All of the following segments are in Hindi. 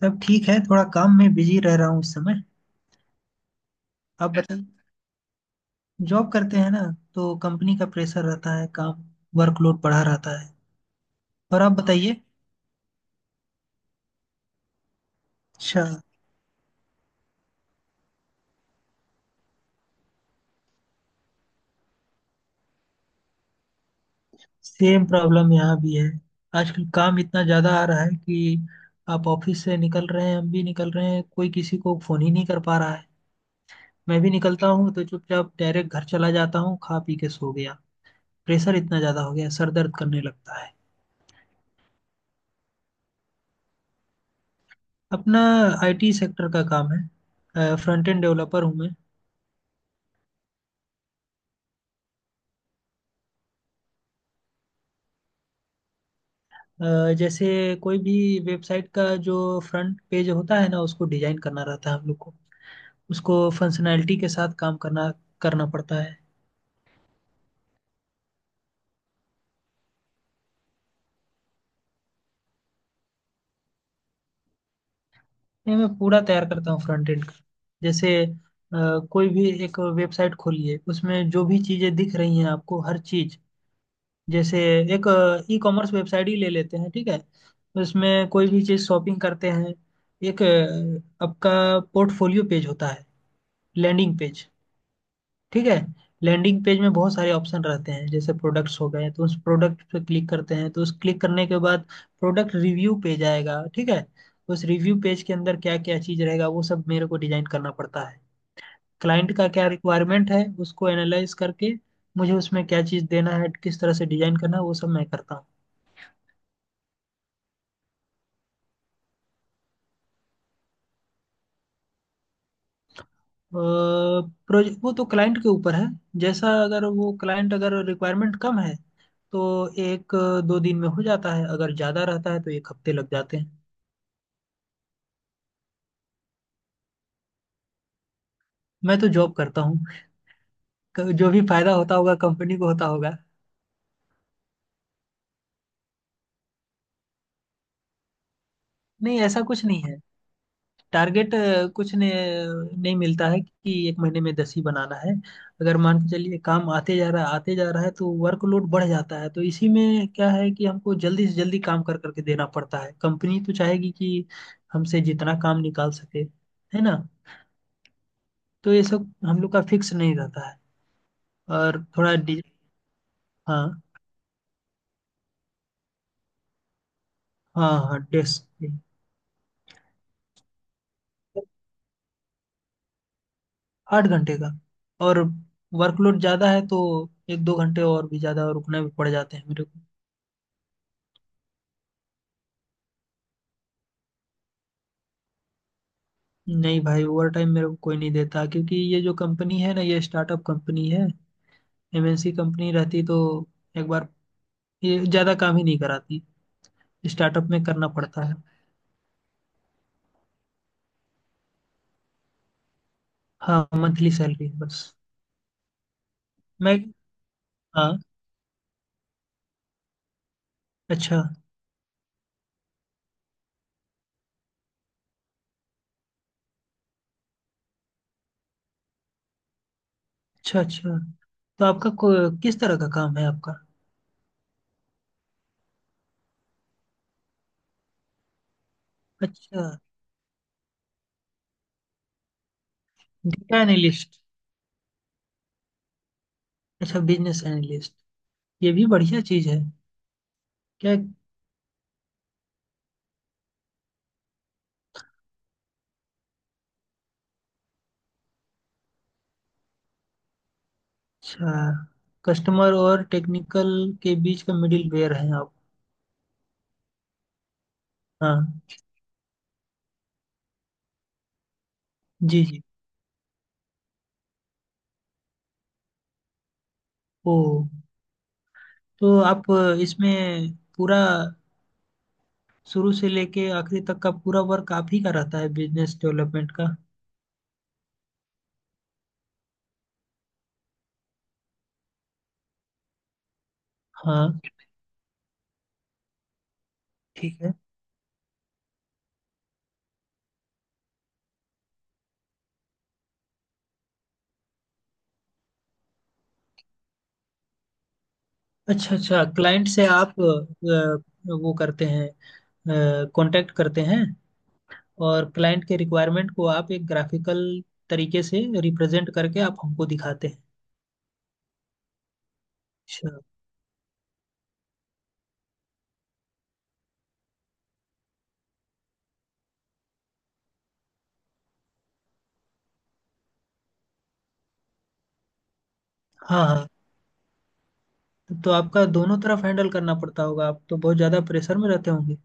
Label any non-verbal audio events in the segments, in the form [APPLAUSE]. सब ठीक है, थोड़ा काम में बिजी रह रहा हूँ इस समय। आप बताइए। जॉब करते हैं ना, तो कंपनी का प्रेशर रहता है, काम वर्कलोड बढ़ा रहता है। और आप बताइए। अच्छा। सेम प्रॉब्लम यहाँ भी है, आजकल काम इतना ज़्यादा आ रहा है कि आप ऑफिस से निकल रहे हैं, हम भी निकल रहे हैं, कोई किसी को फ़ोन ही नहीं कर पा रहा है। मैं भी निकलता हूँ तो चुपचाप डायरेक्ट घर चला जाता हूँ, खा पी के सो गया। प्रेशर इतना ज़्यादा हो गया, सर दर्द करने लगता है। अपना आईटी सेक्टर का काम है, फ्रंट एंड डेवलपर हूँ मैं। जैसे कोई भी वेबसाइट का जो फ्रंट पेज होता है ना, उसको डिजाइन करना रहता है हम लोग को। उसको फंक्शनैलिटी के साथ काम करना करना पड़ता है। ये मैं पूरा तैयार करता हूँ फ्रंट एंड का। जैसे कोई भी एक वेबसाइट खोलिए, उसमें जो भी चीज़ें दिख रही हैं आपको, हर चीज़। जैसे एक ई कॉमर्स वेबसाइट ही ले लेते हैं, ठीक है। उसमें कोई भी चीज़ शॉपिंग करते हैं। एक आपका पोर्टफोलियो पेज होता है, लैंडिंग पेज, ठीक है। लैंडिंग पेज में बहुत सारे ऑप्शन रहते हैं, जैसे प्रोडक्ट्स हो गए, तो उस प्रोडक्ट पे क्लिक करते हैं, तो उस क्लिक करने के बाद प्रोडक्ट रिव्यू पेज आएगा, ठीक है। उस रिव्यू पेज के अंदर क्या क्या चीज़ रहेगा, वो सब मेरे को डिजाइन करना पड़ता है। क्लाइंट का क्या रिक्वायरमेंट है, उसको एनालाइज करके मुझे उसमें क्या चीज़ देना है, किस तरह से डिजाइन करना है, वो सब मैं करता हूँ। प्रोजेक्ट वो तो क्लाइंट के ऊपर है। जैसा, अगर वो क्लाइंट अगर रिक्वायरमेंट कम है तो एक दो दिन में हो जाता है, अगर ज़्यादा रहता है तो एक हफ्ते लग जाते हैं। मैं तो जॉब करता हूँ। जो भी फायदा होता होगा कंपनी को होता होगा। नहीं, ऐसा कुछ नहीं है। टारगेट अ, कुछ ने, नहीं मिलता है कि एक महीने में दस ही बनाना है। अगर मान के चलिए काम आते जा रहा है आते जा रहा है, तो वर्कलोड बढ़ जाता है, तो इसी में क्या है कि हमको जल्दी से जल्दी काम कर करके देना पड़ता है। कंपनी तो चाहेगी कि हमसे जितना काम निकाल सके, है ना। तो ये सब हम लोग का फिक्स नहीं रहता है। और थोड़ा डि हाँ। हाँ डेस्क। आठ घंटे का, और वर्कलोड ज़्यादा है तो एक दो घंटे और भी ज़्यादा रुकना भी पड़ जाते हैं मेरे को। नहीं भाई, ओवर टाइम मेरे को कोई नहीं देता, क्योंकि ये जो कंपनी है ना, ये स्टार्टअप कंपनी है। एमएनसी कंपनी रहती तो एक बार ये ज़्यादा काम ही नहीं कराती, स्टार्टअप में करना पड़ता है। हाँ, मंथली सैलरी है बस। मैं हाँ। अच्छा अच्छा अच्छा, तो आपका किस तरह का काम है आपका। अच्छा, डेटा एनालिस्ट। अच्छा, बिजनेस एनालिस्ट। ये भी बढ़िया चीज है। क्या। अच्छा, कस्टमर और टेक्निकल के बीच का मिडिल वेयर है आप। हाँ। जी जी। ओ, तो आप इसमें पूरा शुरू से लेके आखिरी तक का पूरा वर्क आप ही का रहता है बिजनेस डेवलपमेंट का। हाँ। ठीक है। अच्छा अच्छा, क्लाइंट से आप वो करते हैं, कांटेक्ट करते हैं, और क्लाइंट के रिक्वायरमेंट को आप एक ग्राफिकल तरीके से रिप्रेजेंट करके आप हमको दिखाते हैं। अच्छा। हाँ हाँ, तो आपका दोनों तरफ हैंडल करना पड़ता होगा, आप तो बहुत ज्यादा प्रेशर में रहते होंगे।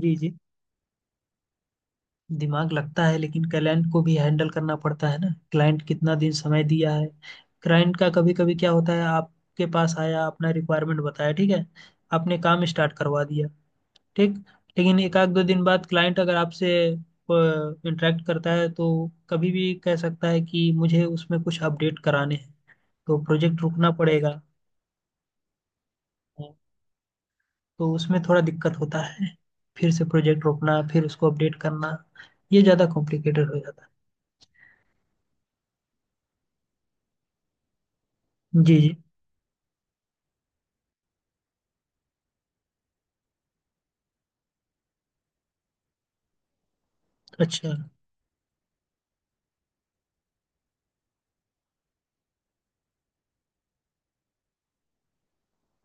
जी जी, दिमाग लगता है, लेकिन क्लाइंट को भी हैंडल करना पड़ता है ना। क्लाइंट कितना दिन समय दिया है। क्लाइंट का कभी कभी क्या होता है, आपके पास आया, अपना रिक्वायरमेंट बताया, ठीक है। आपने काम स्टार्ट करवा दिया, ठीक। लेकिन एक आध दो दिन बाद क्लाइंट अगर आपसे इंटरेक्ट करता है, तो कभी भी कह सकता है कि मुझे उसमें कुछ अपडेट कराने हैं। तो प्रोजेक्ट रुकना पड़ेगा, तो उसमें थोड़ा दिक्कत होता है, फिर से प्रोजेक्ट रोकना, फिर उसको अपडेट करना, ये ज़्यादा कॉम्प्लिकेटेड हो जाता है। जी जी। अच्छा।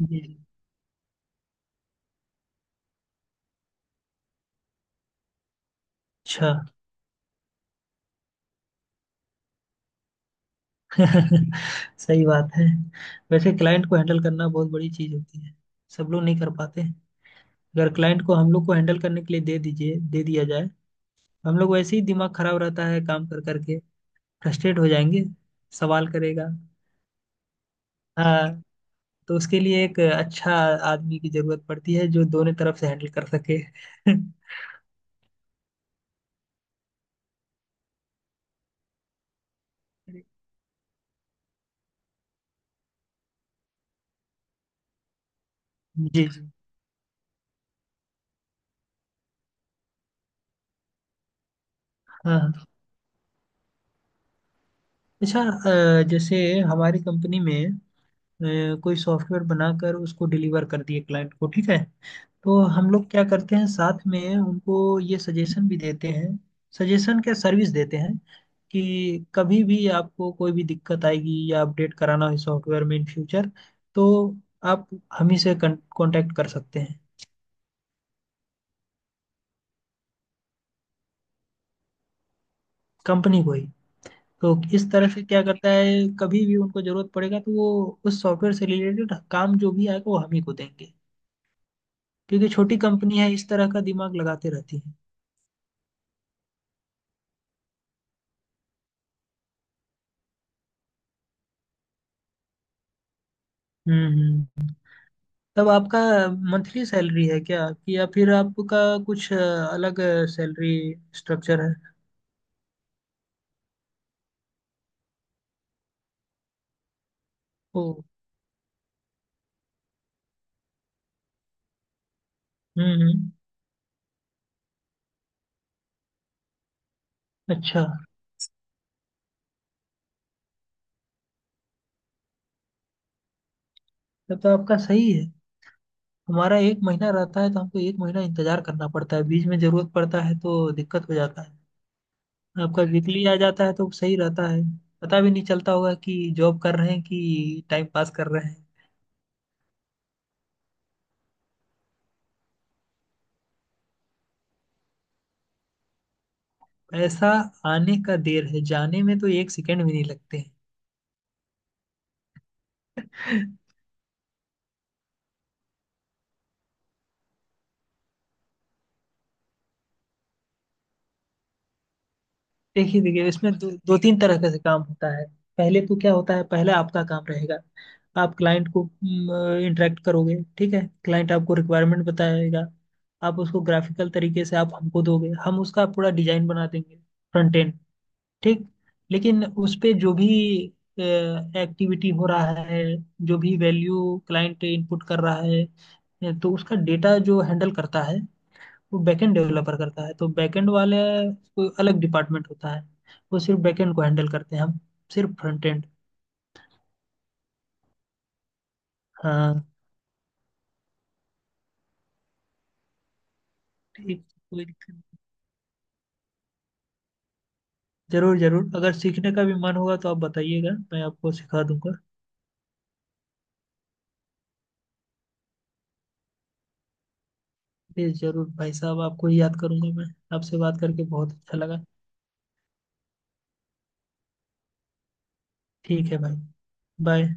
जी जी। अच्छा। [LAUGHS] सही बात है। वैसे क्लाइंट को हैंडल करना बहुत बड़ी चीज़ होती है, सब लोग नहीं कर पाते। अगर क्लाइंट को हम लोग को हैंडल करने के लिए दे दीजिए, दे दिया जाए, हम लोग वैसे ही दिमाग खराब रहता है काम कर करके, फ्रस्ट्रेट हो जाएंगे, सवाल करेगा। हाँ, तो उसके लिए एक अच्छा आदमी की जरूरत पड़ती है, जो दोनों तरफ से हैंडल कर सके। [LAUGHS] जी जी। हाँ हाँ। अच्छा, जैसे हमारी कंपनी में कोई सॉफ्टवेयर बनाकर उसको डिलीवर कर दिए क्लाइंट को, ठीक है। तो हम लोग क्या करते हैं, साथ में उनको ये सजेशन भी देते हैं, सजेशन क्या, सर्विस देते हैं कि कभी भी आपको कोई भी दिक्कत आएगी या अपडेट कराना हो सॉफ्टवेयर में इन फ्यूचर, तो आप हम ही से कांटेक्ट कर सकते हैं। कंपनी को ही। तो इस तरह से क्या करता है, कभी भी उनको जरूरत पड़ेगा तो वो उस सॉफ्टवेयर से रिलेटेड काम जो भी आएगा वो हम ही को देंगे। क्योंकि छोटी कंपनी है, इस तरह का दिमाग लगाते रहती है। हम्म हम्म। तब आपका मंथली सैलरी है क्या, कि या फिर आपका कुछ अलग सैलरी स्ट्रक्चर है। ओ। हम्म। अच्छा, तब तो आपका सही है। हमारा एक महीना रहता है तो हमको एक महीना इंतजार करना पड़ता है, बीच में जरूरत पड़ता है तो दिक्कत हो जाता है। आपका वीकली आ जाता है तो सही रहता है, पता भी नहीं चलता होगा कि जॉब कर रहे हैं कि टाइम पास कर रहे हैं। पैसा आने का देर है, जाने में तो एक सेकंड भी नहीं लगते हैं। [LAUGHS] देखिए देखिए इसमें दो तीन तरह का से काम होता है। पहले तो क्या होता है, पहले आपका काम रहेगा, आप क्लाइंट को इंटरेक्ट करोगे, ठीक है, क्लाइंट आपको रिक्वायरमेंट बताएगा, आप उसको ग्राफिकल तरीके से आप हमको दोगे, हम उसका पूरा डिजाइन बना देंगे, फ्रंट एंड, ठीक। लेकिन उस पे जो भी एक्टिविटी हो रहा है, जो भी वैल्यू क्लाइंट इनपुट कर रहा है तो उसका डेटा जो हैंडल करता है, वो बैकएंड डेवलपर करता है। तो बैकएंड वाले कोई अलग डिपार्टमेंट होता है, वो सिर्फ बैकएंड को हैंडल करते हैं, हम सिर्फ फ्रंट एंड। हाँ। ठीक। कोई दिक्कत नहीं। जरूर जरूर अगर सीखने का भी मन होगा तो आप बताइएगा, मैं आपको सिखा दूंगा। जी जरूर भाई साहब, आपको ही याद करूंगा मैं। आपसे बात करके बहुत अच्छा लगा। ठीक है भाई, बाय।